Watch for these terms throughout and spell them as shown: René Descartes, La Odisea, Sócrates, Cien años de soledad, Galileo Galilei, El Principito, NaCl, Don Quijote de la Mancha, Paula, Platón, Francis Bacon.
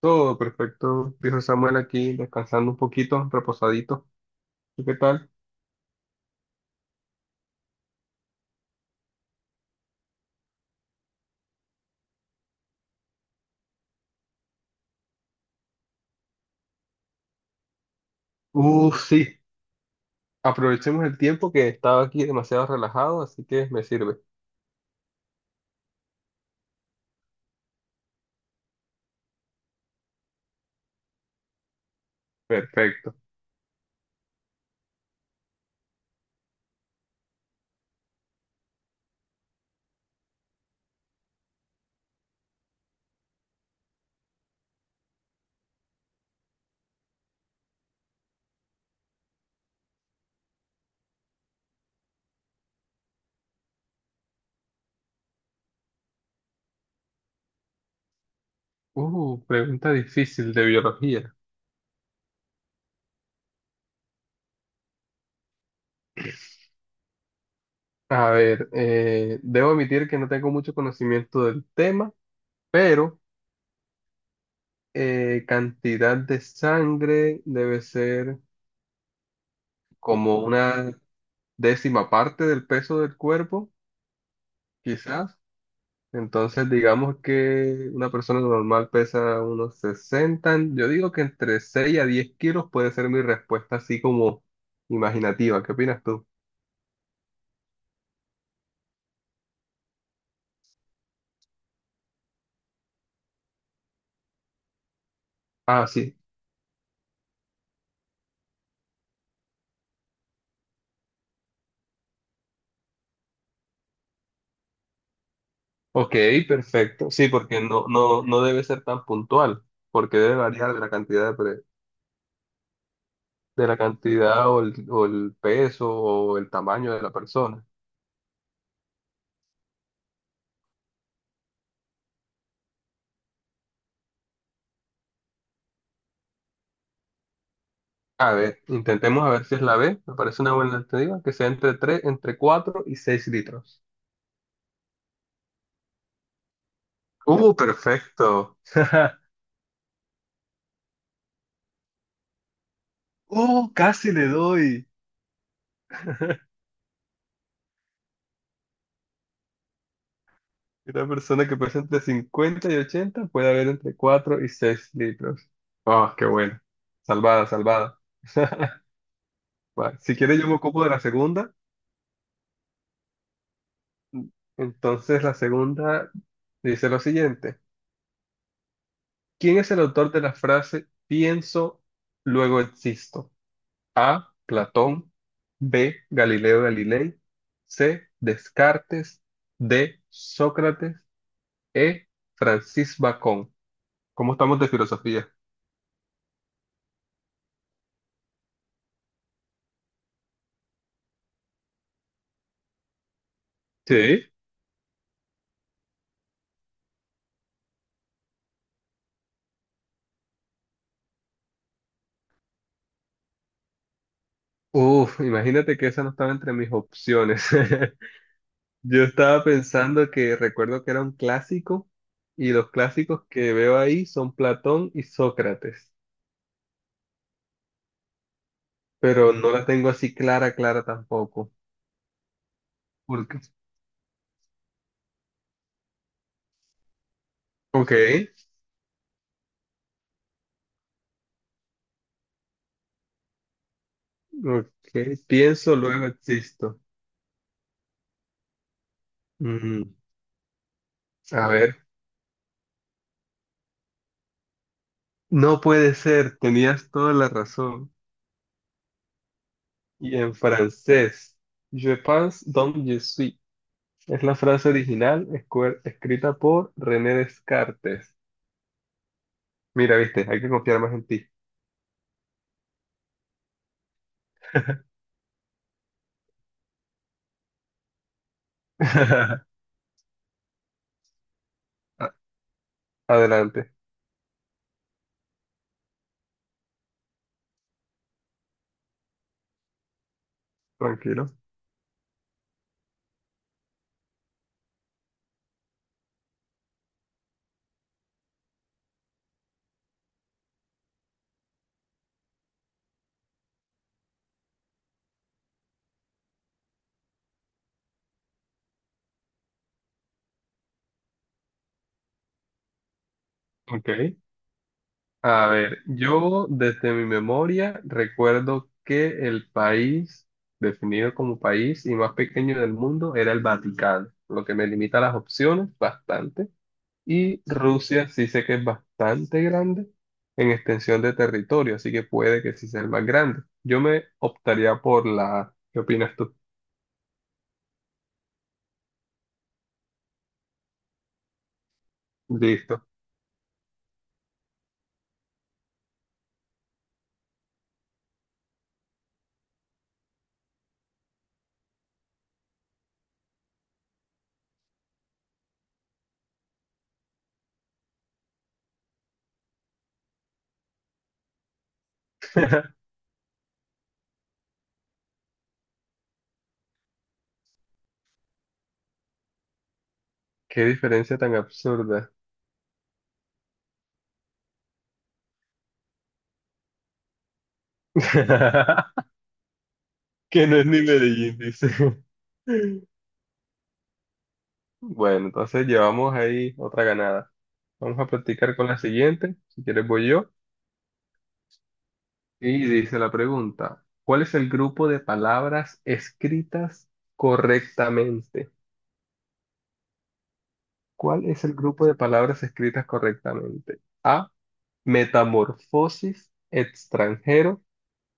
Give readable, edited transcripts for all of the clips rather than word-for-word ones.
Todo perfecto, dijo Samuel aquí, descansando un poquito, reposadito. ¿Y qué tal? Sí, aprovechemos el tiempo que estaba aquí demasiado relajado, así que me sirve. Perfecto. Pregunta difícil de biología. A ver, debo admitir que no tengo mucho conocimiento del tema, pero cantidad de sangre debe ser como una décima parte del peso del cuerpo, quizás. Entonces, digamos que una persona normal pesa unos sesenta, yo digo que entre 6 a 10 kilos puede ser mi respuesta así como imaginativa. ¿Qué opinas tú? Ah, sí. Ok, perfecto. Sí, porque no debe ser tan puntual, porque debe variar de la cantidad de, de la cantidad o o el peso o el tamaño de la persona. A ver, intentemos a ver si es la B. Me parece una buena alternativa, que sea entre 4 y 6 litros. Perfecto. Oh, casi le doy. Una persona que pesa entre 50 y 80 puede haber entre 4 y 6 litros. Oh, qué bueno. Salvada, salvada. Va, si quieres, yo me ocupo de la segunda. Entonces, la segunda dice lo siguiente. ¿Quién es el autor de la frase pienso, luego existo? A. Platón. B. Galileo Galilei. C. Descartes. D. Sócrates. E. Francis Bacon. ¿Cómo estamos de filosofía? Sí. Uf, imagínate que esa no estaba entre mis opciones. Yo estaba pensando que recuerdo que era un clásico, y los clásicos que veo ahí son Platón y Sócrates, pero no la tengo así clara tampoco. Porque, ok, ok, pienso, luego existo. Mm, a ver, no puede ser, tenías toda la razón. Y en francés, je pense donc je suis. Es la frase original escrita por René Descartes. Mira, viste, hay que confiar más en ti. A- Adelante, tranquilo. Ok. A ver, yo desde mi memoria recuerdo que el país, definido como país y más pequeño del mundo, era el Vaticano, lo que me limita las opciones bastante. Y Rusia sí sé que es bastante grande en extensión de territorio, así que puede que sí sea el más grande. Yo me optaría por la A. ¿Qué opinas tú? Listo. Qué diferencia tan absurda. Que no es ni Medellín, dice. Bueno, entonces llevamos ahí otra ganada. Vamos a practicar con la siguiente. Si quieres voy yo. Y dice la pregunta, ¿cuál es el grupo de palabras escritas correctamente? ¿Cuál es el grupo de palabras escritas correctamente? A. Metamorfosis, extranjero,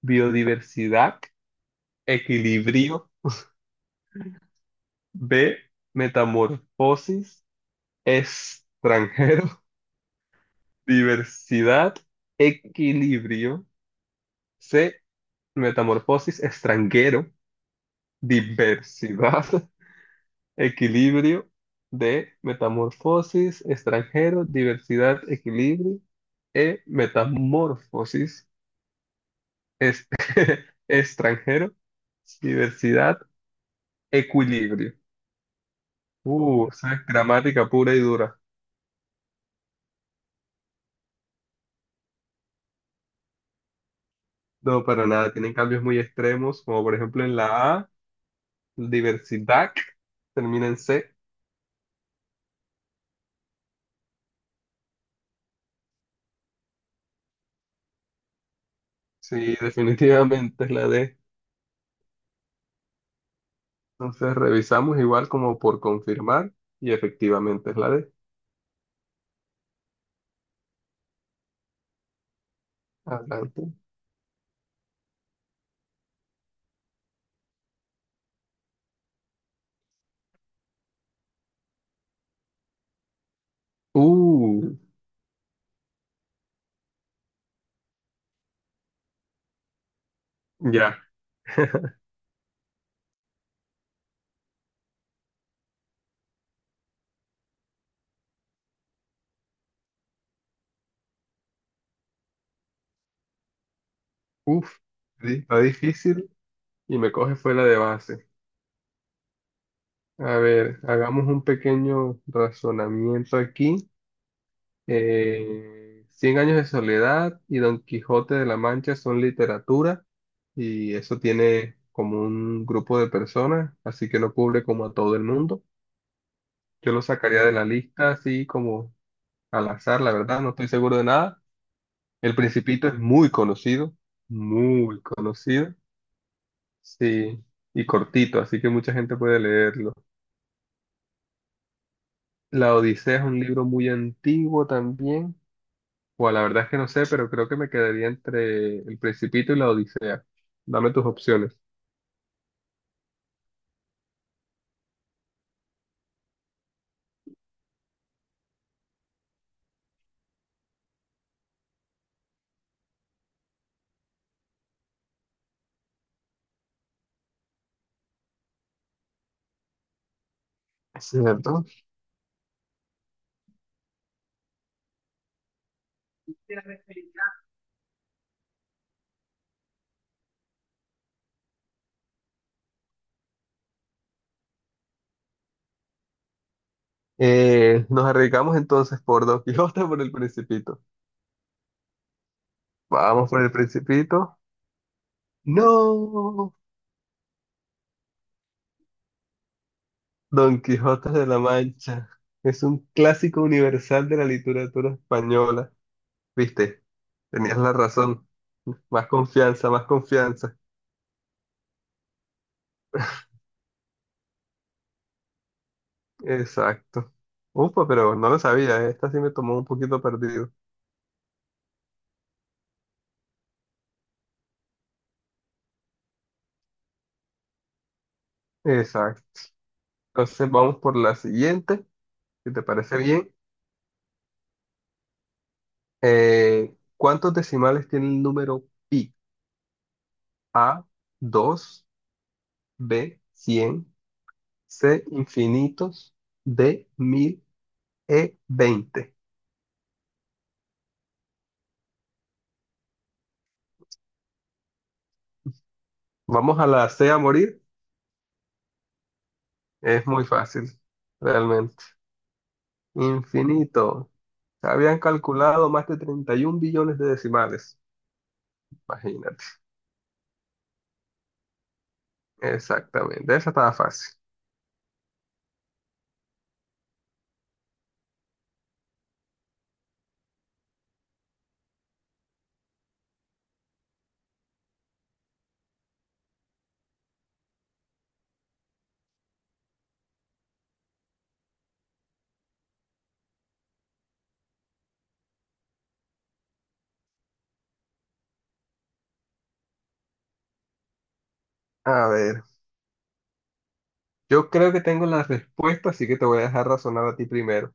biodiversidad, equilibrio. B. Metamorfosis, extranjero, diversidad, equilibrio. C. Metamorfosis, extranjero, diversidad, equilibrio. D. Metamorfosis, extranjero, diversidad, equilibrio. E. Metamorfosis. Es, extranjero, diversidad, equilibrio. O sea, es gramática pura y dura. No, para nada, tienen cambios muy extremos, como por ejemplo en la A, diversidad, termina en C. Sí, definitivamente es la D. Entonces revisamos igual como por confirmar y efectivamente es la D. Adelante. Uh, ya. Uf, está difícil y me coge fue la de base. A ver, hagamos un pequeño razonamiento aquí. Cien años de soledad y Don Quijote de la Mancha son literatura y eso tiene como un grupo de personas, así que no cubre como a todo el mundo. Yo lo sacaría de la lista así como al azar, la verdad, no estoy seguro de nada. El Principito es muy conocido, sí, y cortito, así que mucha gente puede leerlo. La Odisea es un libro muy antiguo también. Bueno, la verdad es que no sé, pero creo que me quedaría entre El Principito y La Odisea. Dame tus opciones. ¿Cierto? Nos arriesgamos entonces por Don Quijote o por El Principito. Vamos por El Principito. No, Don Quijote de la Mancha. Es un clásico universal de la literatura española. Viste, tenías la razón. Más confianza, más confianza. Exacto. Upa, pero no lo sabía, ¿eh? Esta sí me tomó un poquito perdido. Exacto. Entonces vamos por la siguiente, si te parece bien. ¿Cuántos decimales tiene el número pi? A, 2, B, 100, C, infinitos, D, 1000, E, 20. Vamos a la C a morir. Es muy fácil, realmente. Infinito. Se habían calculado más de 31 billones de decimales. Imagínate. Exactamente. Esa estaba fácil. A ver, yo creo que tengo la respuesta, así que te voy a dejar razonar a ti primero.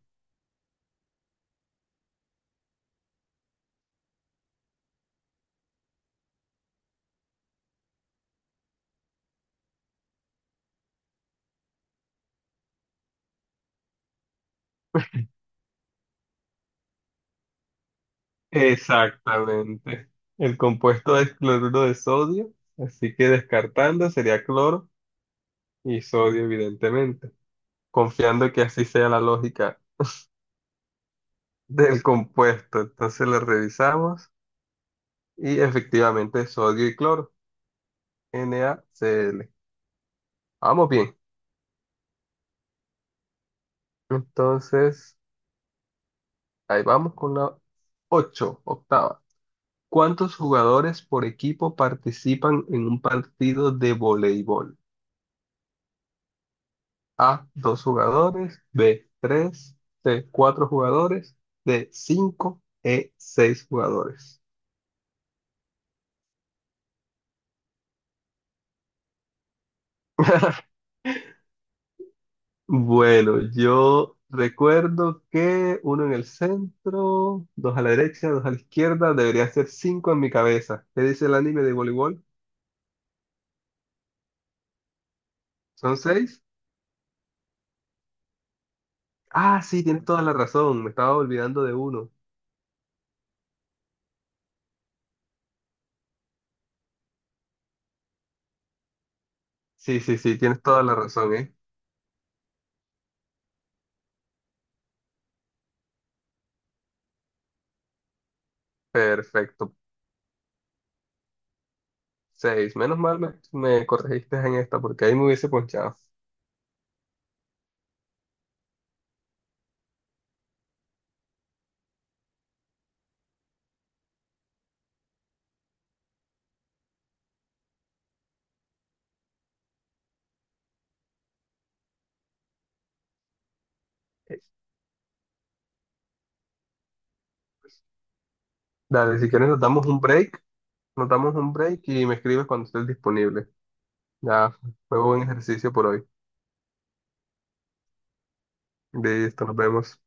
Exactamente. El compuesto es cloruro de sodio, así que descartando sería cloro y sodio, evidentemente, confiando que así sea la lógica del compuesto. Entonces lo revisamos y efectivamente es sodio y cloro, NaCl. Vamos bien. Entonces, ahí vamos con la 8 octava. ¿Cuántos jugadores por equipo participan en un partido de voleibol? A, dos jugadores, B, tres, C, cuatro jugadores, D, cinco, E, seis jugadores. Bueno, yo recuerdo que uno en el centro, dos a la derecha, dos a la izquierda, debería ser cinco en mi cabeza. ¿Qué dice el anime de voleibol? ¿Son seis? Ah, sí, tienes toda la razón, me estaba olvidando de uno. Sí, sí, sí, tienes toda la razón, ¿eh? Perfecto, seis. Menos mal me corregiste en esta porque ahí me hubiese ponchado. Dale, si quieres nos damos un break, nos damos un break y me escribes cuando estés disponible. Ya, fue buen ejercicio por hoy. Listo, nos vemos.